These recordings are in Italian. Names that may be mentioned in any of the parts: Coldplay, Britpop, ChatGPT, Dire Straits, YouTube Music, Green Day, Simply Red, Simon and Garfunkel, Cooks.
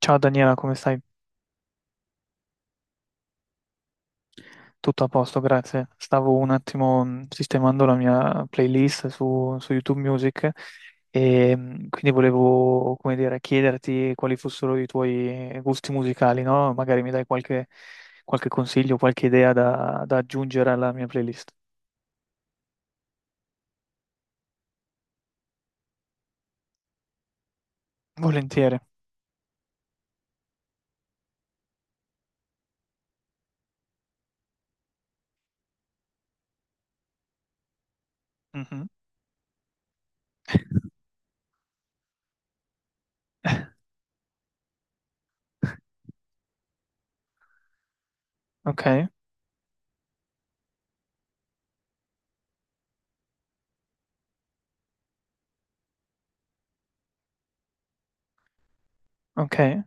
Ciao Daniela, come stai? Tutto a posto, grazie. Stavo un attimo sistemando la mia playlist su YouTube Music e quindi volevo, come dire, chiederti quali fossero i tuoi gusti musicali, no? Magari mi dai qualche consiglio, qualche idea da aggiungere alla mia playlist. Volentieri. Mhm. Ok, ok.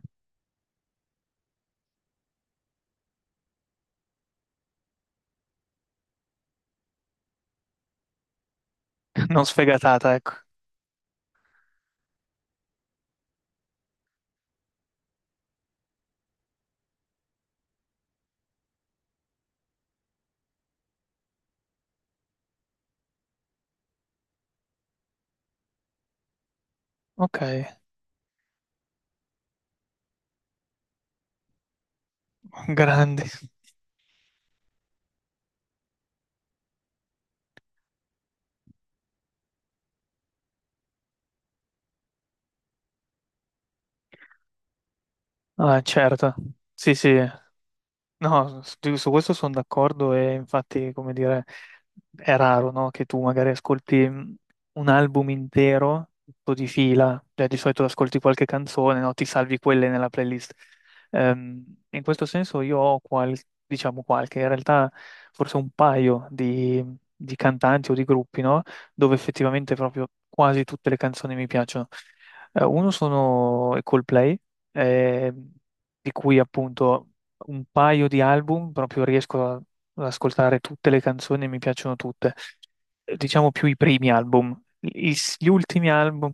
Non sfegatata, ecco. Ok, grandi. Ah, certo. Sì, sì. No, su questo sono d'accordo e infatti, come dire, è raro, no, che tu magari ascolti un album intero, tutto di fila, cioè di solito ascolti qualche canzone, no, ti salvi quelle nella playlist. Ehm, In questo senso io ho diciamo qualche, in realtà forse un paio di cantanti o di gruppi, no, dove effettivamente proprio quasi tutte le canzoni mi piacciono. Uno sono i Coldplay, eh, di cui appunto un paio di album, proprio riesco ad ascoltare tutte le canzoni e mi piacciono tutte. Diciamo più i primi album. Gli ultimi album,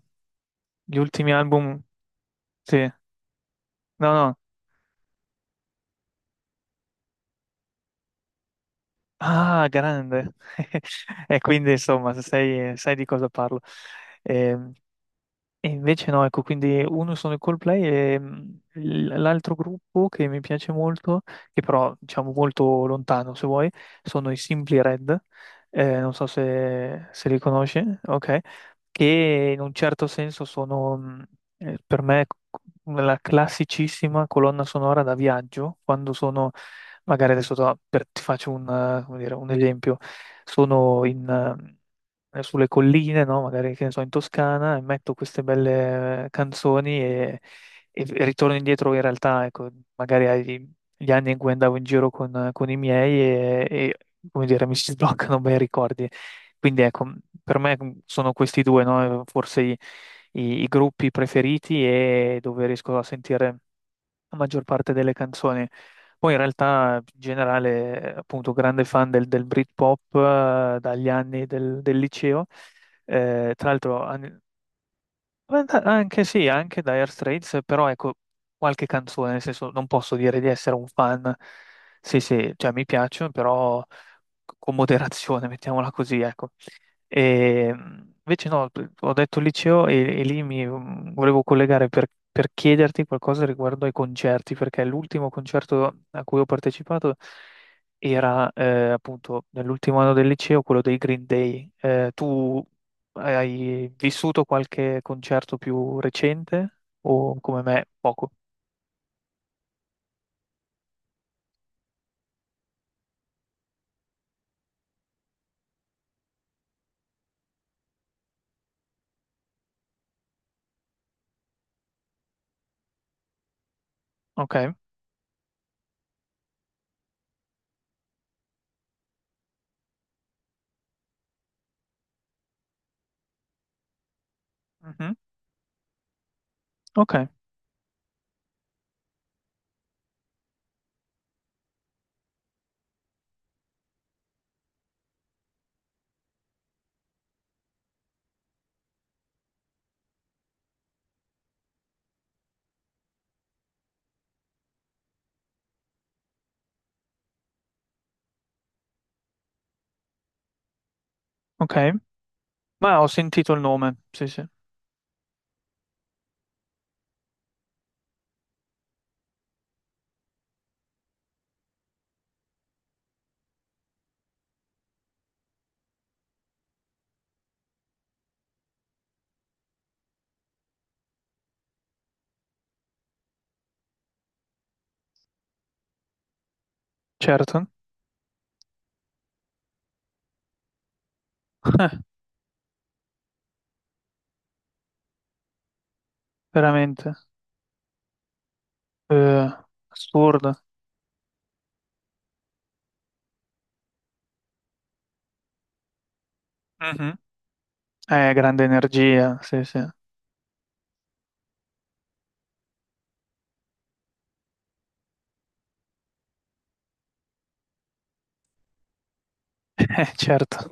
gli ultimi album, sì. No, no. Ah, grande. E quindi, insomma, sai di cosa parlo. Ehm, E invece no, ecco, quindi uno sono i Coldplay e l'altro gruppo che mi piace molto, che però diciamo molto lontano se vuoi, sono i Simply Red, non so se li conosci, ok? Che in un certo senso sono per me la classicissima colonna sonora da viaggio, quando sono, magari adesso ti faccio un, come dire, un esempio, sono in, sulle colline, no? Magari che ne so, in Toscana, e metto queste belle canzoni e ritorno indietro in realtà, ecco, magari agli gli anni in cui andavo in giro con i miei e, come dire, mi si sbloccano bei ricordi. Quindi ecco, per me sono questi due, no? Forse i gruppi preferiti e dove riesco a sentire la maggior parte delle canzoni. Poi in realtà, in generale, appunto, grande fan del Britpop, dagli anni del liceo. Tra l'altro, anche sì, anche Dire Straits, però ecco, qualche canzone, nel senso, non posso dire di essere un fan. Sì, sì, cioè mi piacciono, però con moderazione, mettiamola così, ecco. E invece no, ho detto liceo e lì mi volevo collegare per chiederti qualcosa riguardo ai concerti, perché l'ultimo concerto a cui ho partecipato era appunto nell'ultimo anno del liceo, quello dei Green Day. Tu hai vissuto qualche concerto più recente o come me poco? Ok, mhm. Ok, ok. Ma ho sentito il nome, sì, sì, certo. Eh, veramente. Eh, assurdo. Mhm. Grande energia, sì, sì. Certo.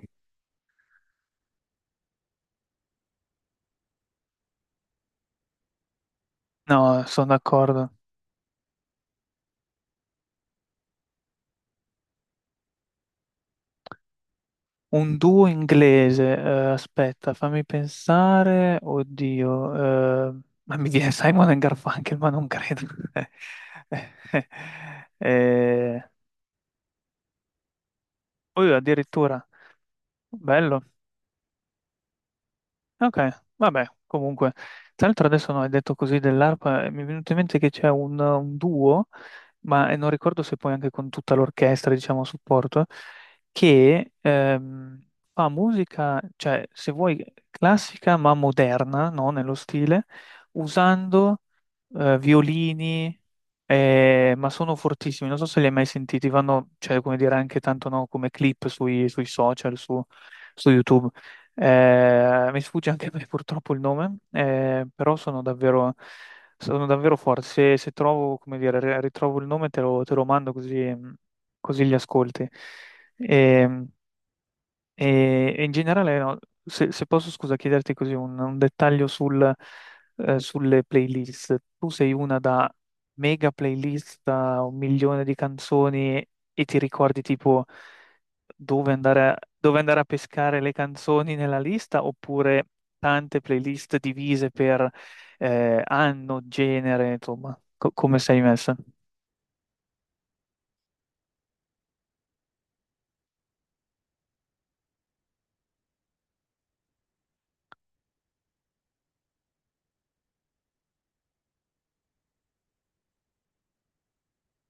No, sono d'accordo. Un duo inglese, aspetta, fammi pensare. Oddio, ma mi viene Simon and Garfunkel, ma non credo. Eh, eh, eh, eh, oh, addirittura, bello. Ok, vabbè, comunque, tra l'altro adesso no, hai detto così dell'arpa, mi è venuto in mente che c'è un duo, ma non ricordo se poi anche con tutta l'orchestra, diciamo, a supporto, che fa musica, cioè, se vuoi, classica ma moderna, no, nello stile, usando violini, ma sono fortissimi, non so se li hai mai sentiti, vanno, cioè, come dire, anche tanto, no, come clip sui social, su YouTube. Mi sfugge anche a me purtroppo il nome, però sono davvero forti. Se trovo, come dire, ritrovo il nome, te lo mando, così così li ascolti. E, e in generale, no, se posso, scusa, chiederti così un dettaglio sul, sulle playlist. Tu sei una da mega playlist da 1 milione di canzoni e ti ricordi tipo dove andare a pescare le canzoni nella lista oppure tante playlist divise per anno, genere, insomma, come sei messa?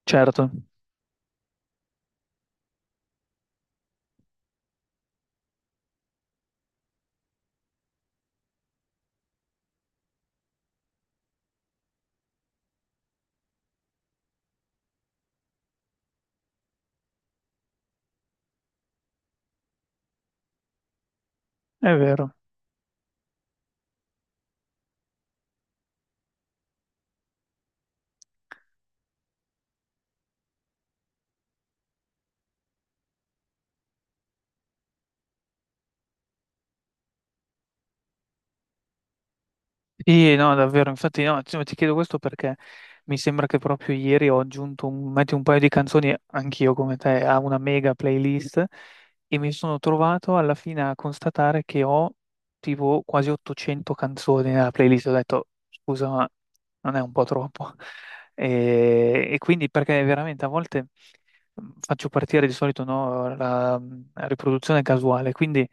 Certo, è vero. Sì, no, davvero, infatti no, insomma, ti chiedo questo perché mi sembra che proprio ieri ho aggiunto metti un paio di canzoni, anch'io come te, a una mega playlist e mi sono trovato alla fine a constatare che ho tipo quasi 800 canzoni nella playlist. Ho detto, scusa, ma non è un po' troppo? E quindi perché veramente a volte faccio partire di solito no, la riproduzione casuale, quindi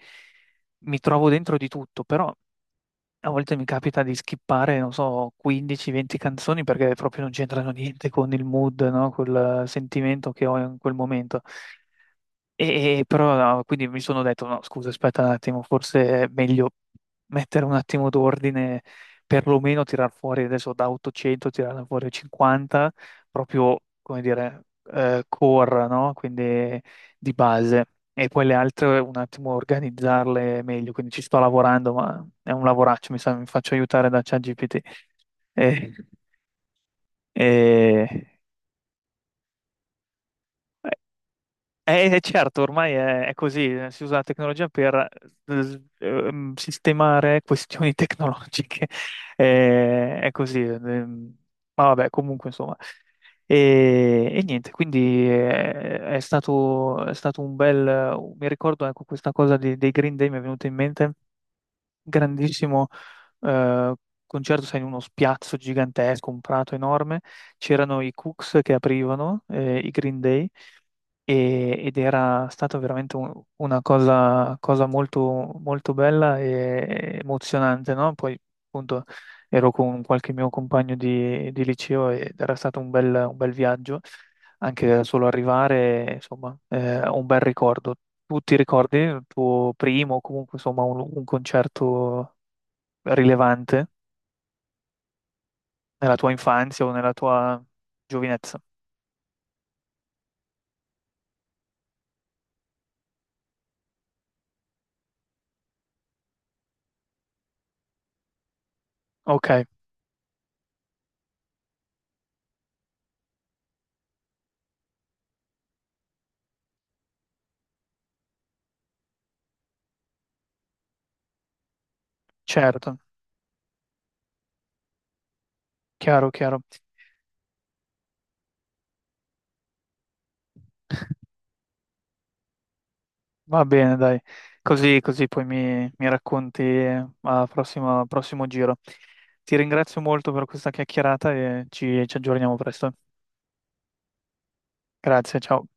mi trovo dentro di tutto, però a volte mi capita di skippare, non so, 15-20 canzoni perché proprio non c'entrano niente con il mood, no? Col sentimento che ho in quel momento. E però no, quindi mi sono detto, no, scusa, aspetta un attimo, forse è meglio mettere un attimo d'ordine, perlomeno tirar fuori adesso da 800, tirarne fuori 50, proprio, come dire, core, no? Quindi di base. E poi le altre un attimo organizzarle meglio, quindi ci sto lavorando, ma è un lavoraccio, mi sa, mi faccio aiutare da ChatGPT. Eh, eh, certo, ormai è così, si usa la tecnologia per sistemare questioni tecnologiche. È così, ma vabbè, comunque insomma. E niente, quindi è stato mi ricordo ecco, questa cosa dei Green Day mi è venuta in mente, grandissimo eh, concerto, sai, in uno spiazzo gigantesco, un prato enorme, c'erano i Cooks che aprivano, i Green Day ed era stata veramente una cosa molto, molto bella e emozionante, no? Poi appunto ero con qualche mio compagno di liceo ed era stato un bel viaggio, anche solo arrivare, insomma, un bel ricordo. Tu ti ricordi il tuo primo o comunque insomma un concerto rilevante nella tua infanzia o nella tua giovinezza? Ok, certo, chiaro, chiaro. Va bene, dai, così, così poi mi racconti al prossimo giro. Ti ringrazio molto per questa chiacchierata e ci aggiorniamo presto. Grazie, ciao.